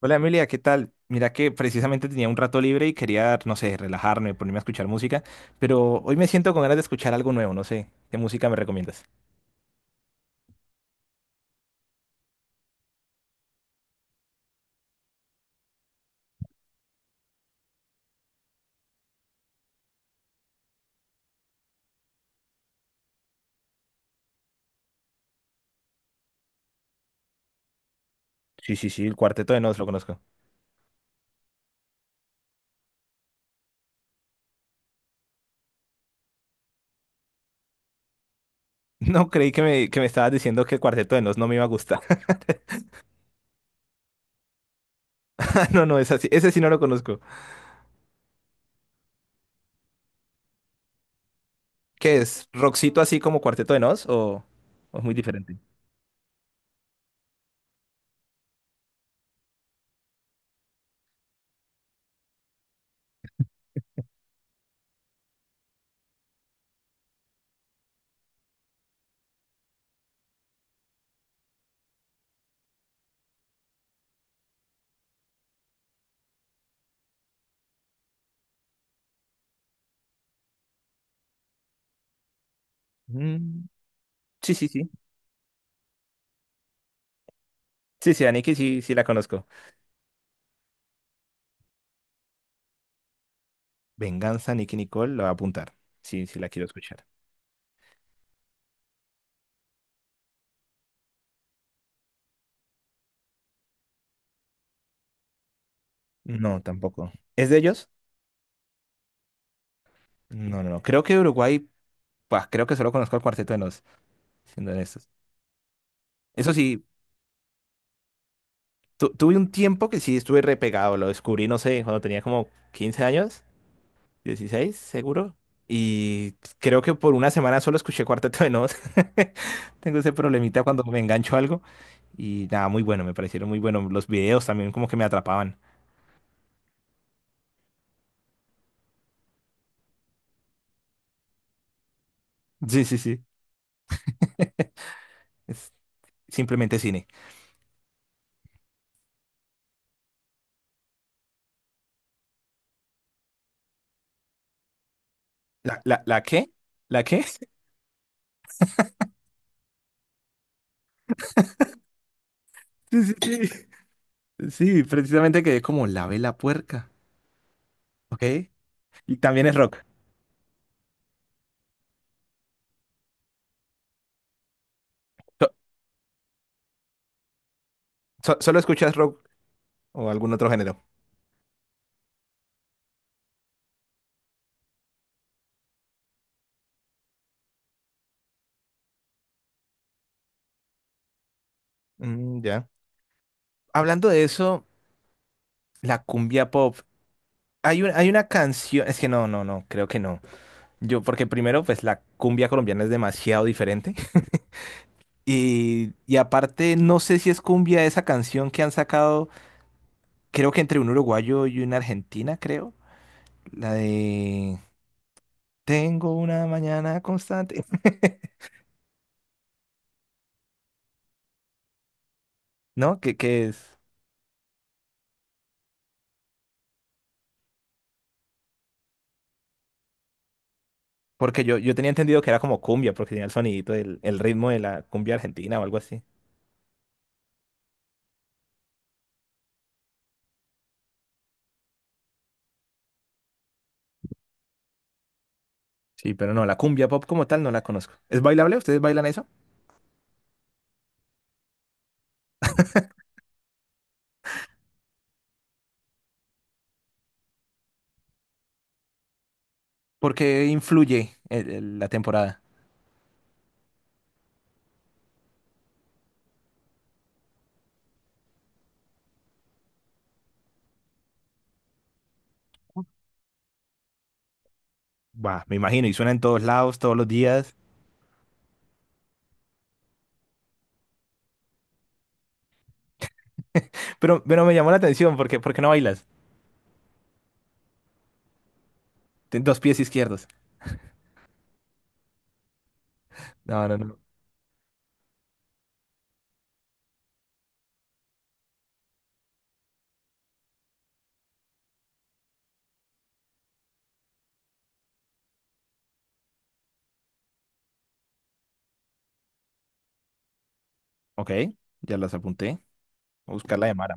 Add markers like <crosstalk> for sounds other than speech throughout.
Hola Emilia, ¿qué tal? Mira que precisamente tenía un rato libre y quería, no sé, relajarme, ponerme a escuchar música, pero hoy me siento con ganas de escuchar algo nuevo, no sé, ¿qué música me recomiendas? Sí, sí, sí, el Cuarteto de Nos lo conozco. <laughs> No creí que que me estabas diciendo que el Cuarteto de Nos no me iba a gustar. <laughs> No, no, es así, ese sí no lo conozco. ¿Qué es? ¿Rockcito así como Cuarteto de Nos o es muy diferente? Mm, sí, sí, sí. Sí, sí, a Nicki sí, sí la conozco. Venganza, Nicki Nicole, la voy a apuntar. Sí, sí la quiero escuchar. No, tampoco. ¿Es de ellos? No, no, no. Creo que Uruguay, pues creo que solo conozco el Cuarteto de Nos, siendo honestos. Eso sí, tuve un tiempo que sí estuve repegado, lo descubrí, no sé, cuando tenía como 15 años, 16, seguro. Y creo que por una semana solo escuché Cuarteto de Nos. <laughs> Tengo ese problemita cuando me engancho a algo. Y nada, muy bueno, me parecieron muy buenos. Los videos también como que me atrapaban. Sí, sí, sí. Es simplemente cine. ¿La qué? ¿La qué? <laughs> Sí, sí, sí. Sí, precisamente quedé como la vela puerca. Ok. Y también es rock. So- ¿Solo escuchas rock o algún otro género? Mm, ya. Hablando de eso, la cumbia pop. Hay una canción, es que no, creo que no. Yo, porque primero, pues la cumbia colombiana es demasiado diferente. <laughs> Y aparte, no sé si es cumbia esa canción que han sacado, creo que entre un uruguayo y una argentina, creo. La de Tengo una mañana constante. <laughs> ¿No? ¿Qué es? Porque yo tenía entendido que era como cumbia, porque tenía el sonidito del el ritmo de la cumbia argentina o algo así. Sí, pero no, la cumbia pop como tal no la conozco. ¿Es bailable? ¿Ustedes bailan eso? Porque influye la temporada. Bah, me imagino, y suena en todos lados, todos los días. Pero me llamó la atención, porque, ¿por qué no bailas? Ten dos pies izquierdos. No, no, no. Ok, ya las apunté. Voy a buscar la de Mara.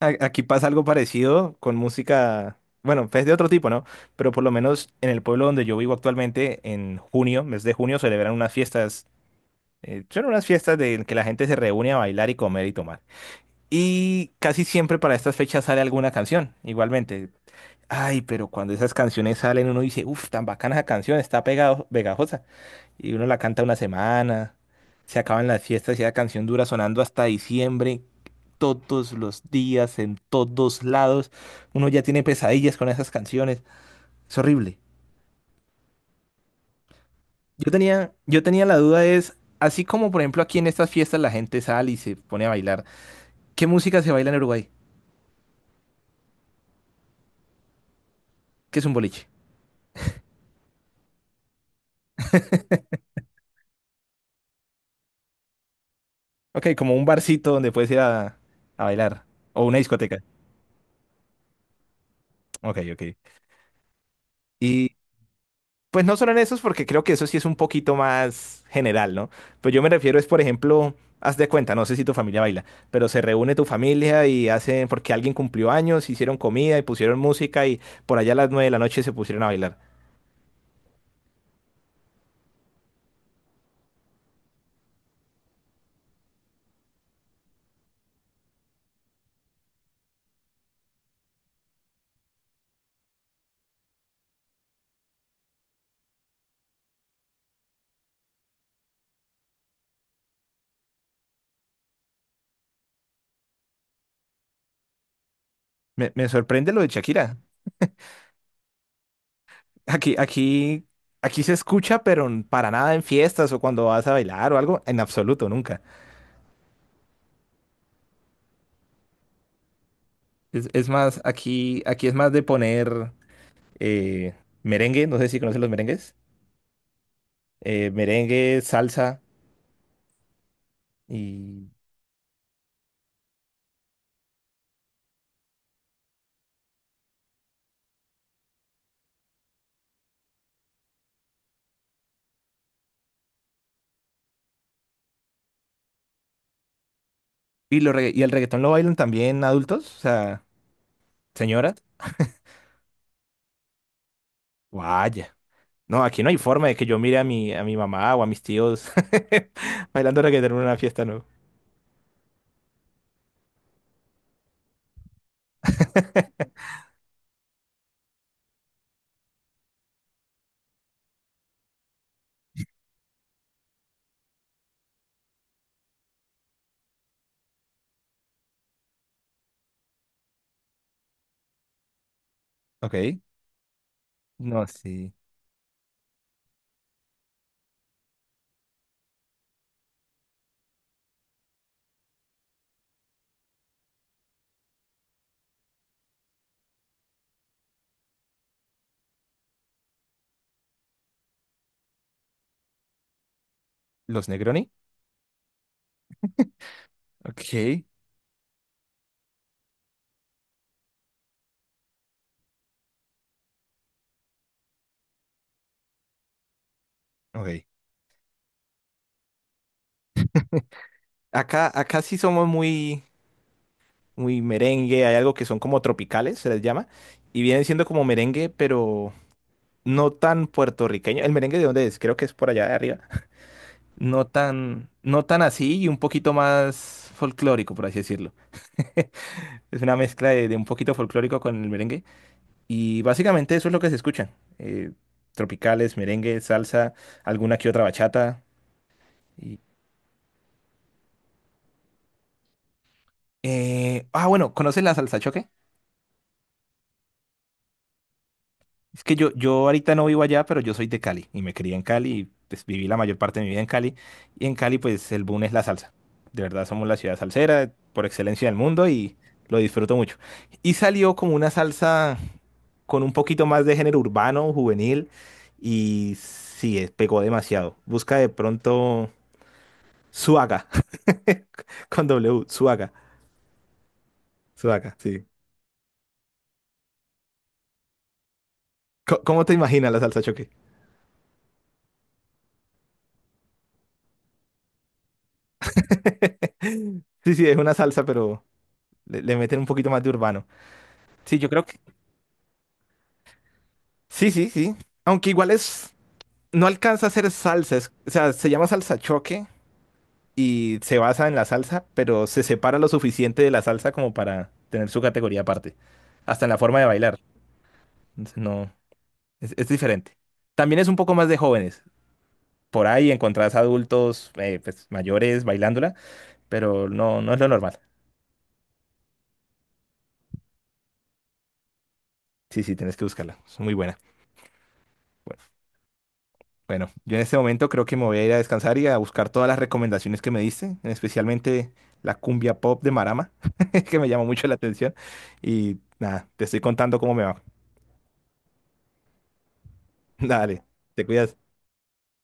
Aquí pasa algo parecido con música, bueno, es de otro tipo, ¿no? Pero por lo menos en el pueblo donde yo vivo actualmente, en junio, mes de junio, celebran unas fiestas, son unas fiestas de que la gente se reúne a bailar y comer y tomar. Y casi siempre para estas fechas sale alguna canción, igualmente. Ay, pero cuando esas canciones salen uno dice, uff, tan bacana esa canción, está pegado, pegajosa y uno la canta una semana, se acaban las fiestas y la canción dura sonando hasta diciembre, todos los días, en todos lados. Uno ya tiene pesadillas con esas canciones. Es horrible. Yo tenía la duda es, así como por ejemplo aquí en estas fiestas la gente sale y se pone a bailar, ¿qué música se baila en Uruguay? ¿Qué es un boliche? Ok, como un barcito donde puedes ir a bailar. O una discoteca. Ok, ok. Y pues no solo en esos, porque creo que eso sí es un poquito más general, ¿no? Pero yo me refiero es, por ejemplo, haz de cuenta, no sé si tu familia baila, pero se reúne tu familia y hacen, porque alguien cumplió años, hicieron comida y pusieron música y por allá a las nueve de la noche se pusieron a bailar. Me sorprende lo de Shakira. Aquí, aquí, aquí se escucha, pero para nada en fiestas o cuando vas a bailar o algo, en absoluto, nunca. Es más, aquí es más de poner eh, merengue, no sé si conoces los merengues, merengue, salsa. Y, y, y el reggaetón lo bailan también adultos, o sea, señoras. Vaya. No, aquí no hay forma de que yo mire a mi mamá o a mis tíos <laughs> bailando reggaetón en una fiesta, ¿no? <laughs> Ok. No, sí. ¿Los Negroni? Ok, ok. Acá, acá sí somos muy, muy merengue, hay algo que son como tropicales, se les llama, y vienen siendo como merengue, pero no tan puertorriqueño. ¿El merengue de dónde es? Creo que es por allá de arriba. No tan, no tan así y un poquito más folclórico, por así decirlo. <laughs> Es una mezcla de un poquito folclórico con el merengue. Y básicamente eso es lo que se escucha. eh, Tropicales, merengue, salsa, alguna que otra bachata. y- bueno, ¿conoces la salsa choque? Es que yo ahorita no vivo allá, pero yo soy de Cali y me crié en Cali y pues viví la mayor parte de mi vida en Cali. Y en Cali pues el boom es la salsa. De verdad somos la ciudad salsera por excelencia del mundo y lo disfruto mucho. Y salió como una salsa con un poquito más de género urbano, juvenil, y sí, pegó demasiado. Busca de pronto Suaga, <laughs> con W, Suaga, Suaga, sí. ¿Cómo te imaginas la salsa choque? <laughs> Sí, sí, es una salsa, pero le meten un poquito más de urbano. Sí, yo creo que... Sí, sí, sí. Aunque igual es... No alcanza a ser salsa, o sea, se llama salsa choque y se basa en la salsa, pero se separa lo suficiente de la salsa como para tener su categoría aparte, hasta en la forma de bailar. Entonces, no, es diferente. También es un poco más de jóvenes. Por ahí encontrás adultos pues, mayores bailándola, pero no, no es lo normal. Sí, sí, tienes que buscarla. Es muy buena. Bueno, bueno, yo en este momento creo que me voy a ir a descansar y a buscar todas las recomendaciones que me diste, especialmente la cumbia pop de Marama, <laughs> que me llamó mucho la atención. Y nada, te estoy contando cómo me va. <laughs> Dale, te cuidas.